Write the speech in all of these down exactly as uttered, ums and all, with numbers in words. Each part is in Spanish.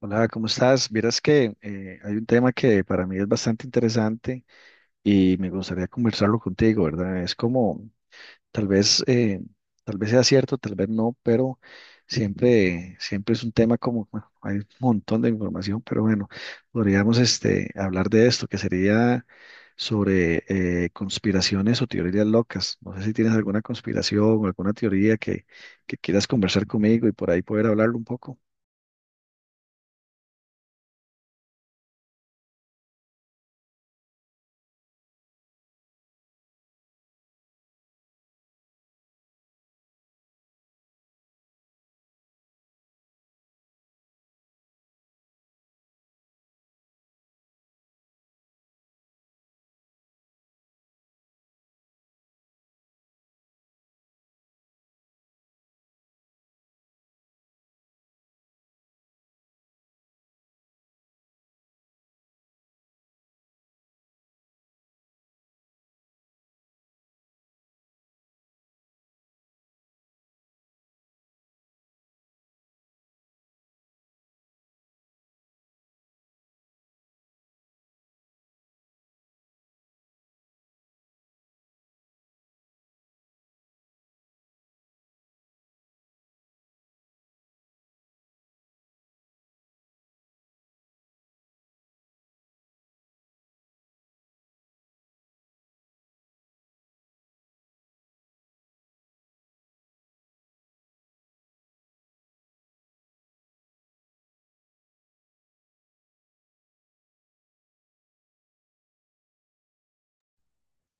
Hola, ¿cómo estás? Vieras que eh, hay un tema que para mí es bastante interesante y me gustaría conversarlo contigo, ¿verdad? Es como, tal vez, eh, tal vez sea cierto, tal vez no, pero siempre, siempre es un tema como, bueno, hay un montón de información, pero bueno, podríamos este, hablar de esto, que sería sobre eh, conspiraciones o teorías locas. No sé si tienes alguna conspiración o alguna teoría que, que quieras conversar conmigo y por ahí poder hablarlo un poco.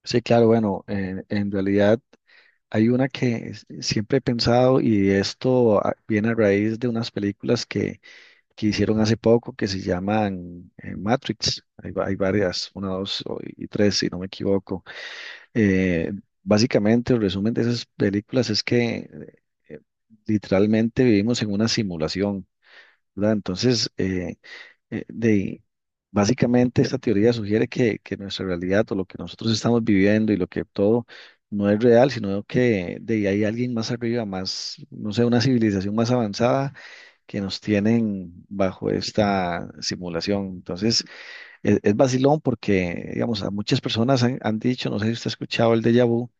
Sí, claro, bueno, en, en realidad hay una que s- siempre he pensado y esto ah, viene a raíz de unas películas que, que hicieron hace poco que se llaman eh, Matrix. Hay, va- hay varias, una, dos o- y tres, si no me equivoco. Eh, Básicamente, el resumen de esas películas es que eh, literalmente vivimos en una simulación, ¿verdad? Entonces, eh, eh, de, básicamente esta teoría sugiere que, que nuestra realidad o lo que nosotros estamos viviendo y lo que todo no es real, sino que de ahí hay alguien más arriba, más, no sé, una civilización más avanzada que nos tienen bajo esta simulación. Entonces, es, es vacilón porque, digamos, a muchas personas han, han dicho, no sé si usted ha escuchado el déjà vu,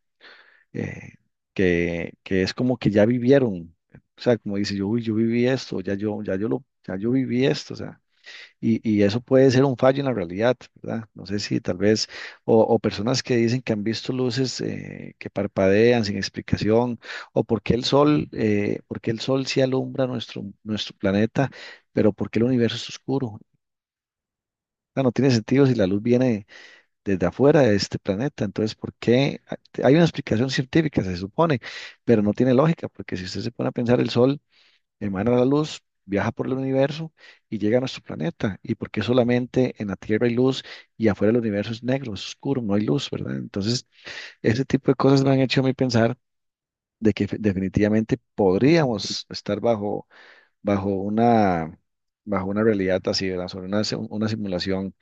eh, que, que es como que ya vivieron. O sea, como dice yo, uy, yo viví esto, ya yo, ya yo lo, ya yo viví esto, o sea, y, y eso puede ser un fallo en la realidad, ¿verdad? No sé si tal vez, o, o personas que dicen que han visto luces eh, que parpadean sin explicación, o por qué el sol, eh, por qué el sol sí alumbra nuestro, nuestro planeta, pero por qué el universo es oscuro. Ah, no tiene sentido si la luz viene desde afuera de este planeta. Entonces, ¿por qué? Hay una explicación científica, se supone, pero no tiene lógica, porque si usted se pone a pensar, el sol emana la luz, viaja por el universo y llega a nuestro planeta. ¿Y por qué solamente en la Tierra hay luz y afuera el universo es negro, es oscuro, no hay luz, ¿verdad? Entonces, ese tipo de cosas me han hecho a mí pensar de que fe- definitivamente podríamos estar bajo, bajo una, bajo una realidad así, ¿verdad? Sobre una, si- una simulación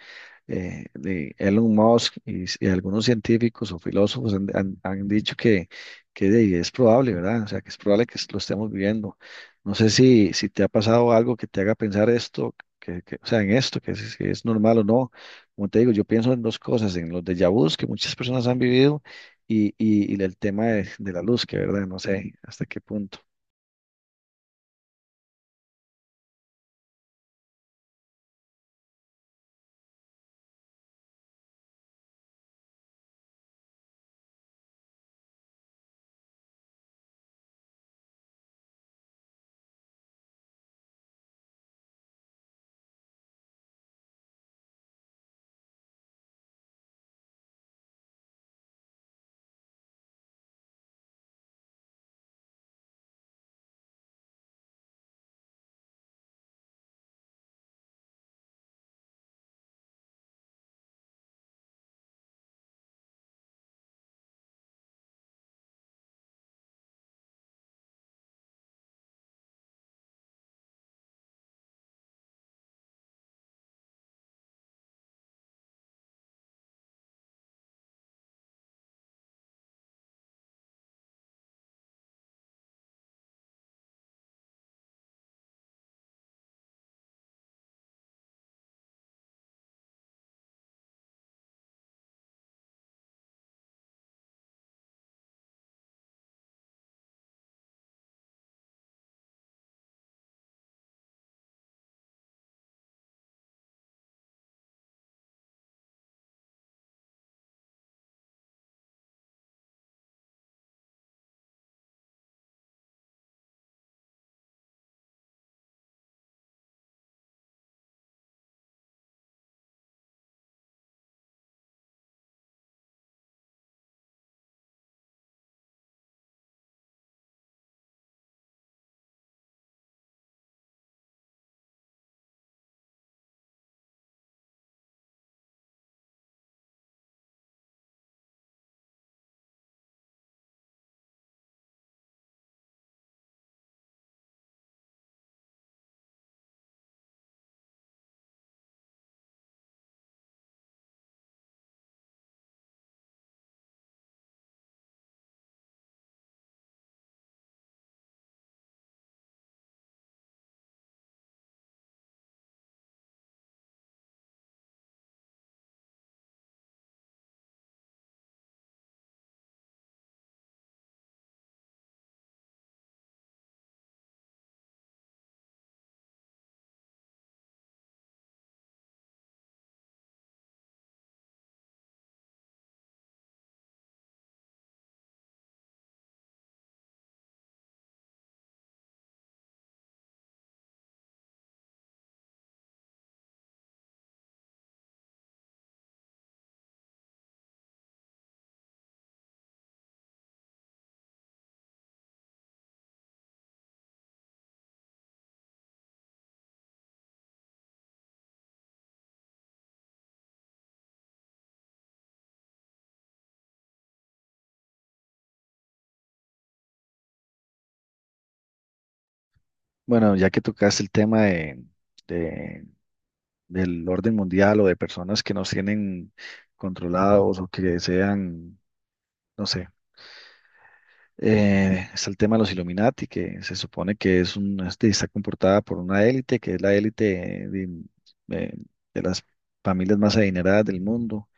eh, de Elon Musk y, s- y algunos científicos o filósofos han, han- han dicho que, que de- es probable, ¿verdad? O sea, que es probable que lo estemos viviendo. No sé si, si te ha pasado algo que te haga pensar esto, que, que- o sea, en esto, que si, si es normal o no. Como te digo, yo pienso en dos cosas, en los déjà vus que muchas personas han vivido y, y, y el tema de, de la luz, que, ¿verdad? No sé hasta qué punto. Bueno, ya que tocaste el tema de, del orden mundial o de personas que nos tienen controlados o que sean, no sé. Eh, está el tema de los Illuminati, que se supone que es un, este, está comportada por una élite, que es la élite de, eh, de las familias más adineradas del mundo.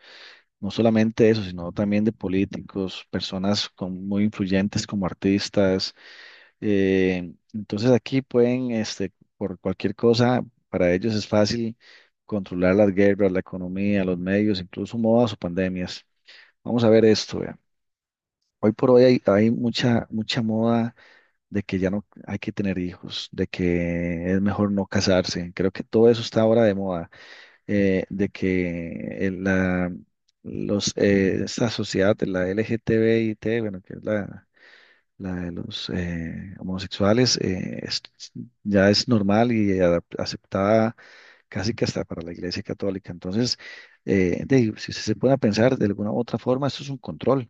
No solamente eso, sino también de políticos, personas con- muy influyentes como artistas, eh, entonces aquí pueden, este, por cualquier cosa, para ellos es fácil controlar las guerras, la economía, los medios, incluso modas o pandemias. Vamos a ver esto, vea. Hoy por hoy hay, hay mucha, mucha moda de que ya no hay que tener hijos, de que es mejor no casarse. Creo que todo eso está ahora de moda, eh, de que el- la, los, eh, esta sociedad de la LGTBIT, bueno, que es la la de los eh, homosexuales, eh, es- ya es normal y adap- aceptada casi que hasta para la Iglesia Católica. Entonces, eh, de- si se pone a pensar de alguna u otra forma, esto es un control,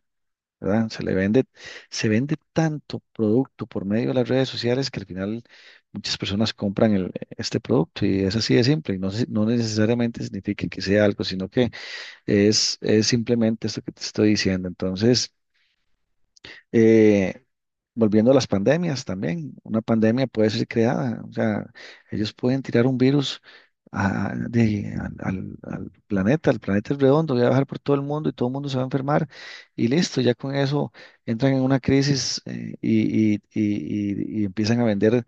¿verdad? Se le vende, se vende tanto producto por medio de las redes sociales que al final muchas personas compran el- este producto y es así de simple. Y no, se- no necesariamente significa que sea algo, sino que es, es simplemente esto que te estoy diciendo. Entonces, eh, volviendo a las pandemias también, una pandemia puede ser creada, o sea, ellos pueden tirar un virus a- de- al, al- al planeta, el planeta es redondo, voy a bajar por todo el mundo y todo el mundo se va a enfermar y listo, ya con eso entran en una crisis, eh, y, y- y- y- y empiezan a vender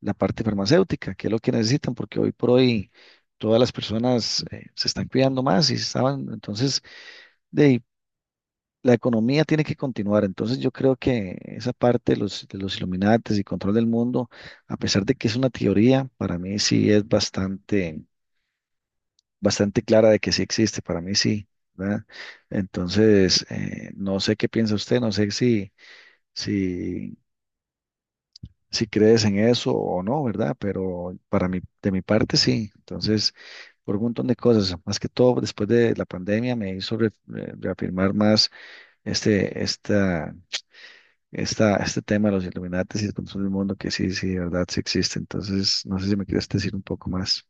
la parte farmacéutica, que es lo que necesitan, porque hoy por hoy todas las personas eh, se están cuidando más y estaban, entonces la economía tiene que continuar. Entonces yo creo que esa parte de los, de los Illuminates y control del mundo, a pesar de que es una teoría, para mí sí es bastante, bastante clara de que sí existe, para mí sí, ¿verdad? Entonces, eh, no sé qué piensa usted, no sé si, si, si crees en eso o no, ¿verdad? Pero para mí, de mi parte sí. Entonces, por un montón de cosas, más que todo después de la pandemia me hizo re- re- reafirmar más este, esta esta, este tema de los iluminatis y el control del mundo, que sí, sí, de verdad, sí existe. Entonces, no sé si me quieres decir un poco más.